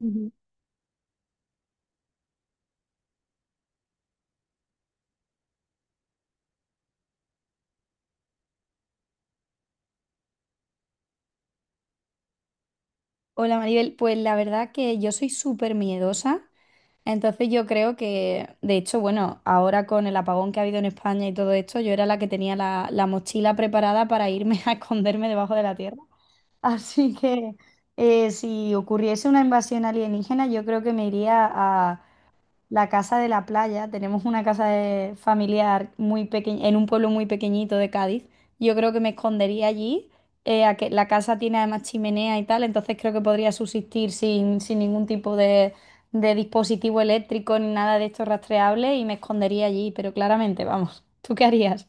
Ujú. Hola Maribel, pues la verdad que yo soy súper miedosa, entonces yo creo que, de hecho, bueno, ahora con el apagón que ha habido en España y todo esto, yo era la que tenía la mochila preparada para irme a esconderme debajo de la tierra. Así que si ocurriese una invasión alienígena, yo creo que me iría la casa de la playa. Tenemos una familiar muy pequeña, en un pueblo muy pequeñito de Cádiz. Yo creo que me escondería allí. A que la casa tiene además chimenea y tal, entonces creo que podría subsistir sin ningún tipo de dispositivo eléctrico ni nada de esto rastreable y me escondería allí, pero claramente, vamos, ¿tú qué harías?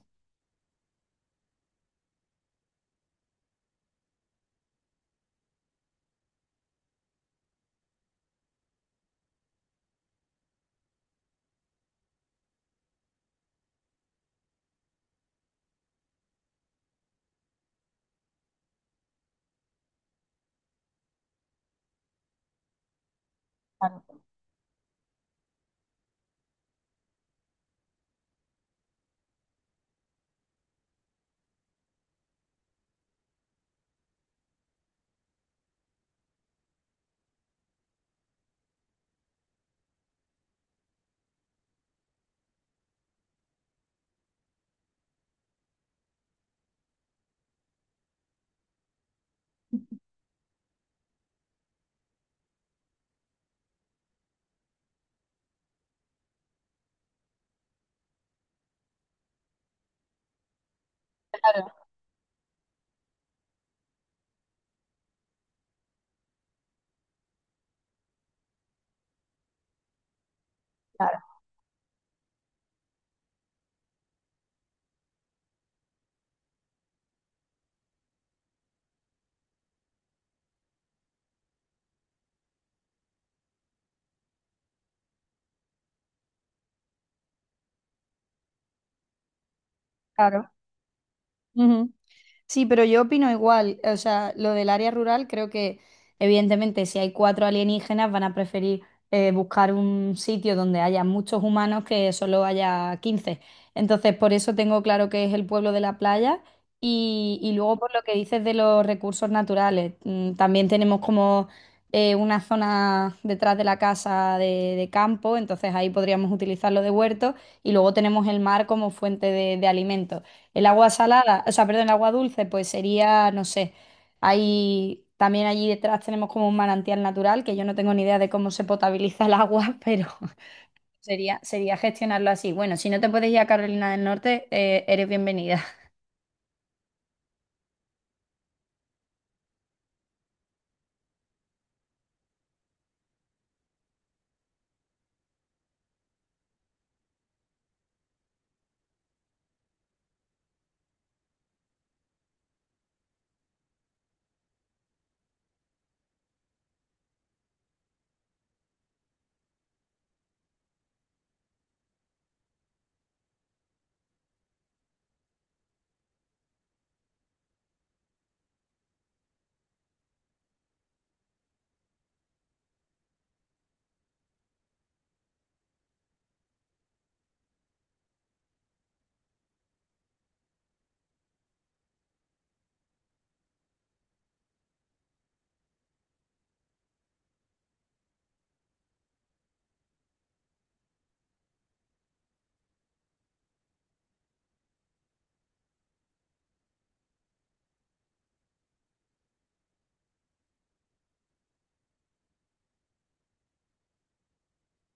Claro. Ujú. Sí, pero yo opino igual. O sea, lo del área rural creo que evidentemente si hay cuatro alienígenas van a preferir buscar un sitio donde haya muchos humanos que solo haya 15. Entonces, por eso tengo claro que es el pueblo de la playa. Y luego por lo que dices de los recursos naturales, también tenemos como una zona detrás de la casa de campo, entonces ahí podríamos utilizarlo de huerto y luego tenemos el mar como fuente de alimento. El agua salada, o sea, perdón, el agua dulce, pues sería, no sé, hay, también allí detrás tenemos como un manantial natural, que yo no tengo ni idea de cómo se potabiliza el agua, pero sería gestionarlo así. Bueno, si no te puedes ir a Carolina del Norte, eres bienvenida.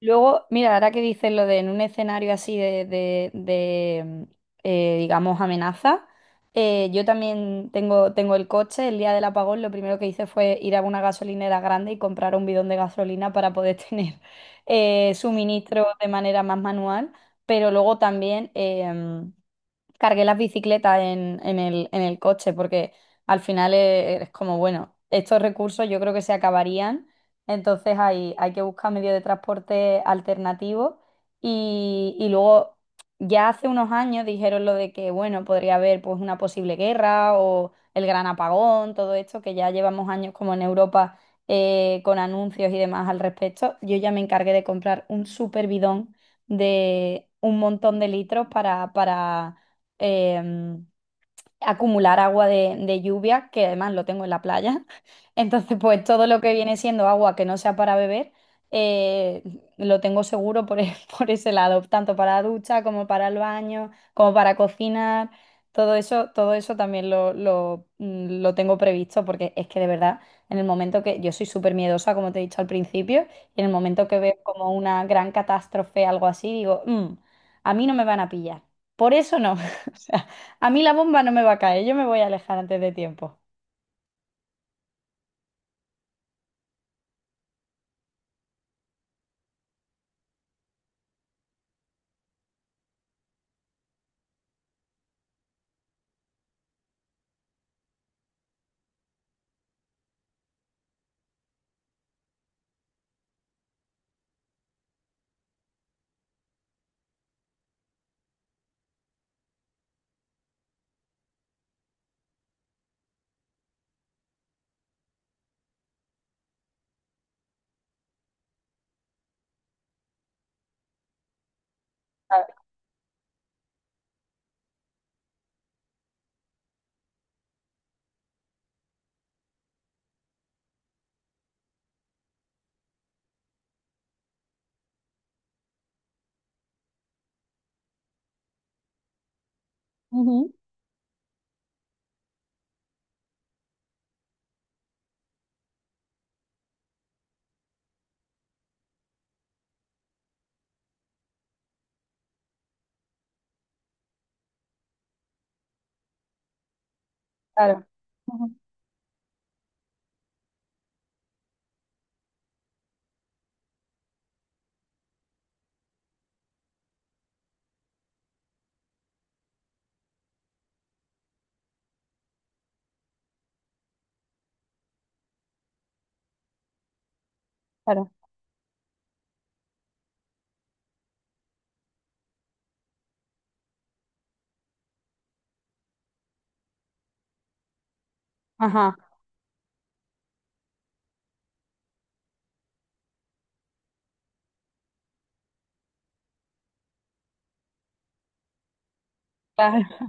Luego, mira, ahora que dices lo de en un escenario así de, digamos, amenaza, yo también tengo el coche. El día del apagón lo primero que hice fue ir a una gasolinera grande y comprar un bidón de gasolina para poder tener suministro de manera más manual. Pero luego también... cargué las bicicletas en, en el coche, porque al final es, como, bueno, estos recursos yo creo que se acabarían, entonces hay que buscar medios de transporte alternativos y luego ya hace unos años dijeron lo de que, bueno, podría haber pues una posible guerra o el gran apagón, todo esto que ya llevamos años como en Europa. Con anuncios y demás al respecto, yo ya me encargué de comprar un super bidón de un montón de litros para, para eh, acumular agua de lluvia, que además lo tengo en la playa. Entonces, pues todo lo que viene siendo agua que no sea para beber, eh, lo tengo seguro por, por ese lado, tanto para la ducha como para el baño, como para cocinar. Todo eso también lo tengo previsto porque es que de verdad, en el momento que yo soy súper miedosa, como te he dicho al principio, y en el momento que veo como una gran catástrofe, algo así, digo, "Mm, a mí no me van a pillar. Por eso no." O sea, a mí la bomba no me va a caer, yo me voy a alejar antes de tiempo. Claro, ujú, claro, ujú, claro, ajá, claro,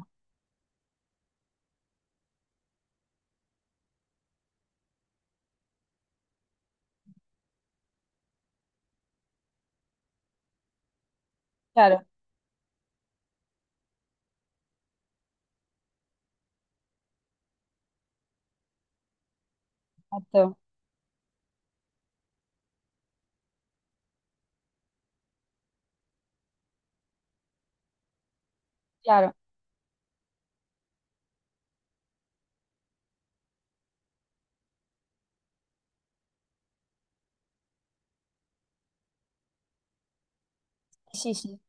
claro, exacto, claro. Sí, sí.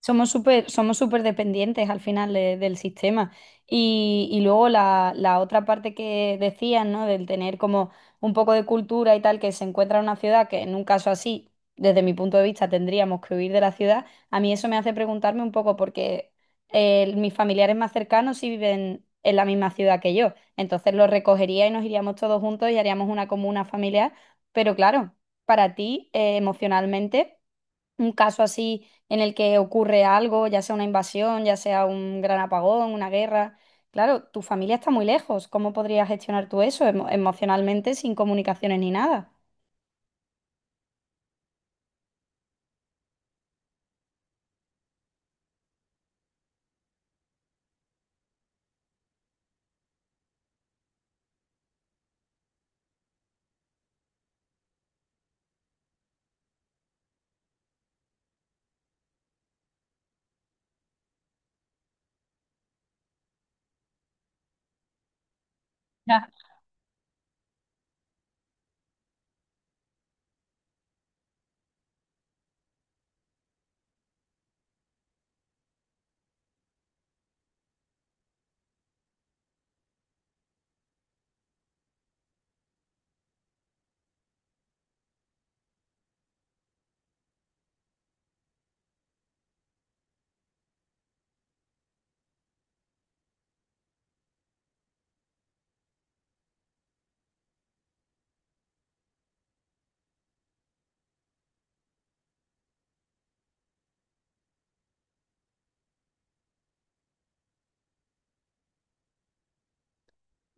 Somos súper dependientes al final del sistema. Y luego la otra parte que decían, ¿no? Del tener como un poco de cultura y tal, que se encuentra en una ciudad que en un caso así, desde mi punto de vista, tendríamos que huir de la ciudad. A mí eso me hace preguntarme un poco porque mis familiares más cercanos sí viven en la misma ciudad que yo. Entonces los recogería y nos iríamos todos juntos y haríamos una comuna familiar. Pero claro, para ti, emocionalmente un caso así en el que ocurre algo, ya sea una invasión, ya sea un gran apagón, una guerra. Claro, tu familia está muy lejos. ¿Cómo podrías gestionar tú eso emocionalmente sin comunicaciones ni nada? Ya.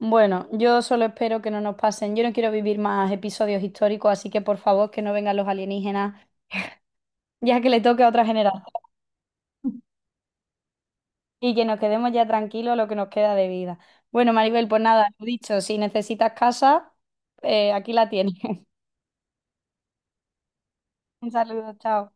Bueno, yo solo espero que no nos pasen. Yo no quiero vivir más episodios históricos, así que por favor que no vengan los alienígenas, ya que le toque a otra generación y que nos quedemos ya tranquilos lo que nos queda de vida. Bueno, Maribel, pues nada, lo dicho, si necesitas casa, aquí la tienes. Un saludo, chao.